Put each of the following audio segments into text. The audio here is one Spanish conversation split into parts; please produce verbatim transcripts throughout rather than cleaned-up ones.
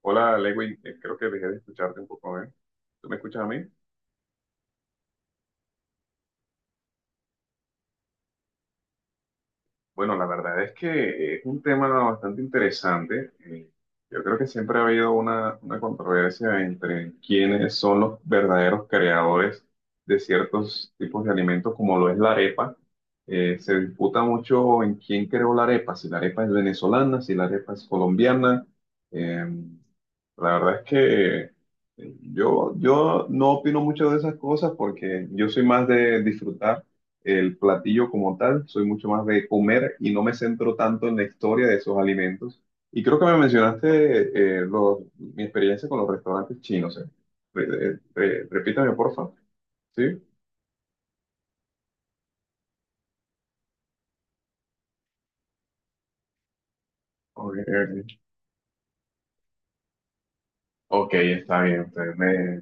Hola, Lewin. Eh, creo que dejé de escucharte un poco, ¿eh? ¿Tú me escuchas a mí? Bueno, la verdad es que es un tema bastante interesante. Eh, yo creo que siempre ha habido una, una controversia entre quiénes son los verdaderos creadores de ciertos tipos de alimentos, como lo es la arepa. Eh, se disputa mucho en quién creó la arepa, si la arepa es venezolana, si la arepa es colombiana. Em, la verdad es que eh, yo, yo no opino mucho de esas cosas porque yo soy más de disfrutar el platillo como tal, soy mucho más de comer y no me centro tanto en la historia de esos alimentos. Y creo que me mencionaste eh, los- mi experiencia con los restaurantes chinos. eh. Re- re- repítame, porfa. ¿Sí? Ok, ok. Ok, está bien. Usted me-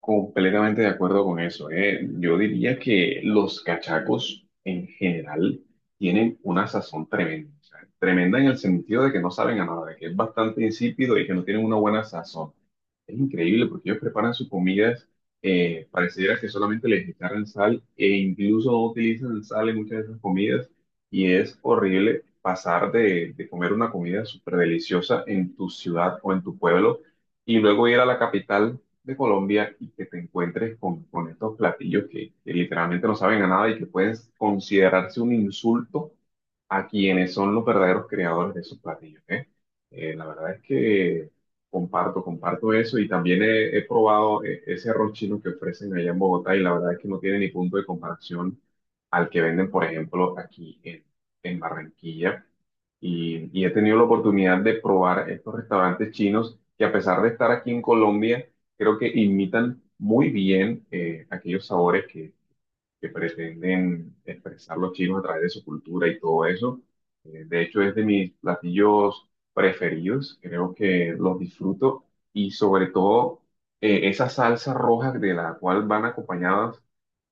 Completamente de acuerdo con eso. eh. Yo diría que los cachacos en general tienen una sazón tremenda. O sea, tremenda en el sentido de que no saben a nada, de que es bastante insípido y que no tienen una buena sazón. Es increíble porque ellos preparan sus comidas, eh, pareciera que solamente les echaran sal e incluso no utilizan sal en muchas de esas comidas y es horrible pasar de, de comer una comida súper deliciosa en tu ciudad o en tu pueblo y luego ir a la capital de Colombia y que te encuentres con, con estos platillos que, que literalmente no saben a nada y que pueden considerarse un insulto a quienes son los verdaderos creadores de esos platillos, ¿eh? Eh, la verdad es que comparto, comparto eso y también he, he probado eh, ese arroz chino que ofrecen allá en Bogotá y la verdad es que no tiene ni punto de comparación al que venden, por ejemplo, aquí en, en Barranquilla. Y, y he tenido la oportunidad de probar estos restaurantes chinos que, a pesar de estar aquí en Colombia, creo que imitan muy bien eh, aquellos sabores que pretenden expresar los chinos a través de su cultura y todo eso. Eh, de hecho, es de mis platillos preferidos, creo que los disfruto y, sobre todo, eh, esa salsa roja de la cual van acompañadas,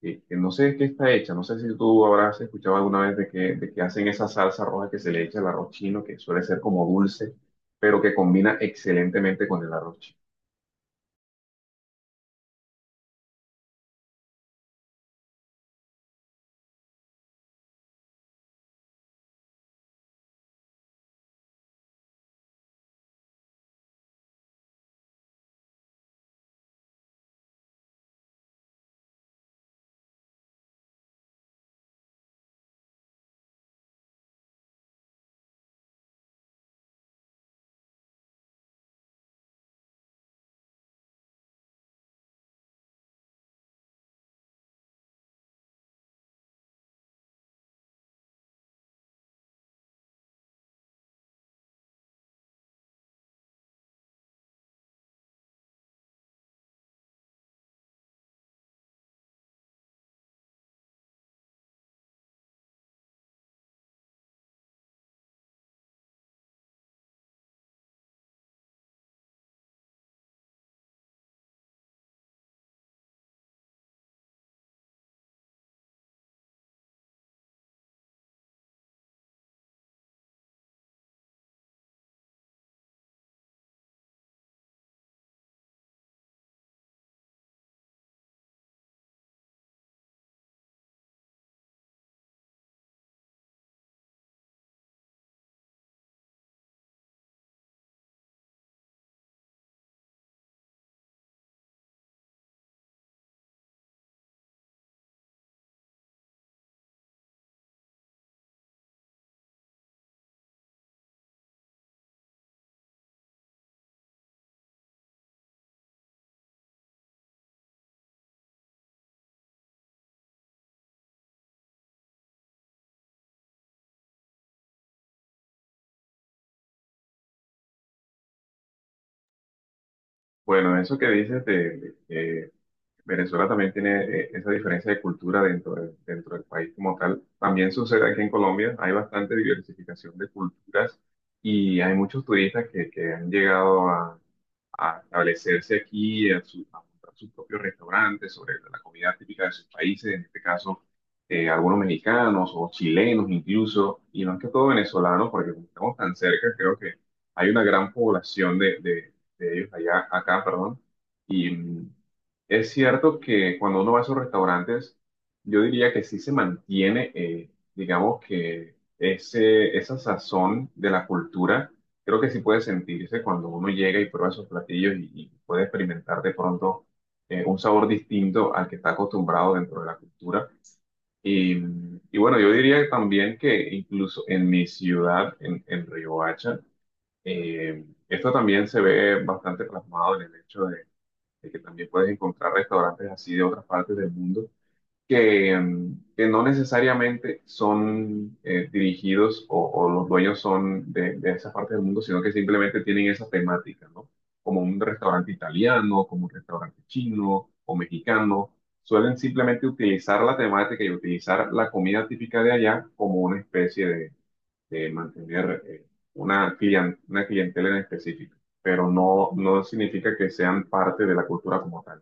eh, que no sé de qué está hecha. No sé si tú habrás escuchado alguna vez de que, de que hacen esa salsa roja que se le echa al arroz chino, que suele ser como dulce, pero que combina excelentemente con el arroz chino. Bueno, eso que dices de, de, Venezuela también tiene eh, esa diferencia de cultura dentro, de- dentro del país como tal. También sucede aquí en Colombia, hay bastante diversificación de culturas y hay muchos turistas que, que han llegado a establecerse aquí, a, su- a montar sus propios restaurantes sobre la comida típica de sus países, en este caso eh, algunos mexicanos o chilenos, incluso, y más que todo venezolanos, porque como estamos tan cerca, creo que hay una gran población de, de- de ellos allá, acá, perdón, y mm, es cierto que cuando uno va a esos restaurantes, yo diría que sí se mantiene, eh, digamos que ese, esa sazón de la cultura, creo que sí puede sentirse cuando uno llega y prueba esos platillos, y, y puede experimentar de pronto eh, un sabor distinto al que está acostumbrado dentro de la cultura. Y, y bueno, yo diría también que incluso en mi ciudad, en, en Riohacha, eh, esto también se ve bastante plasmado en el hecho de, de que también puedes encontrar restaurantes así de otras partes del mundo que, mm, que no necesariamente son eh, dirigidos o, o los dueños son de, de esa parte del mundo, sino que simplemente tienen esa temática, ¿no? Como un restaurante italiano, como un restaurante chino o mexicano, suelen simplemente utilizar la temática y utilizar la comida típica de allá como una especie de, de mantener eh, una, clien- una clientela en específico, pero no, no significa que sean parte de la cultura como tal.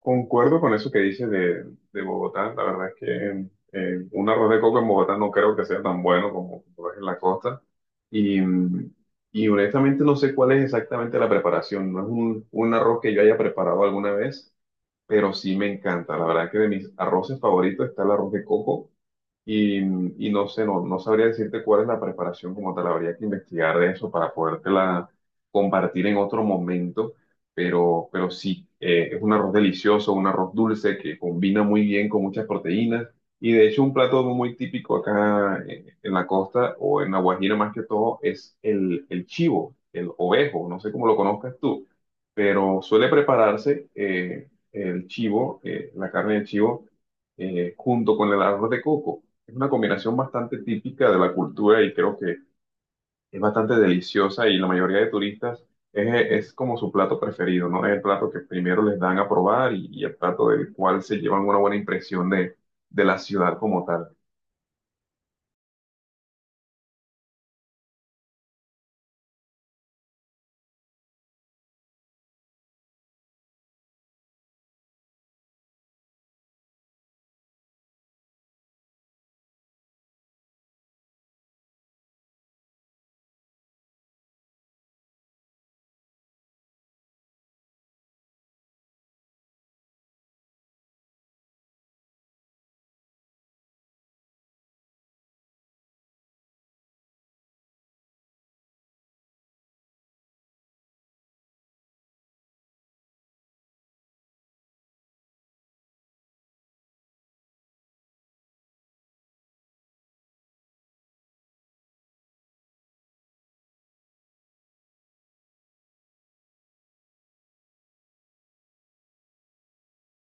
Concuerdo con eso que dices de, de Bogotá. La verdad es que eh, un arroz de coco en Bogotá no creo que sea tan bueno como lo es en la costa. Y, mm, y honestamente no sé cuál es exactamente la preparación. No es un, un arroz que yo haya preparado alguna vez, pero sí me encanta. La verdad es que de mis arroces favoritos está el arroz de coco. Y, y no sé, no, no sabría decirte cuál es la preparación como tal, habría que investigar de eso para podértela compartir en otro momento, pero, pero sí, eh, es un arroz delicioso, un arroz dulce que combina muy bien con muchas proteínas. Y de hecho, un plato muy típico acá, eh, en la costa o en La Guajira más que todo, es el, el chivo, el ovejo, no sé cómo lo conozcas tú, pero suele prepararse eh, el chivo, eh, la carne de chivo eh, junto con el arroz de coco. Es una combinación bastante típica de la cultura y creo que es bastante deliciosa, y la mayoría de turistas es, es como su plato preferido, ¿no? Es el plato que primero les dan a probar y, y el plato del cual se llevan una buena impresión de, de la ciudad como tal.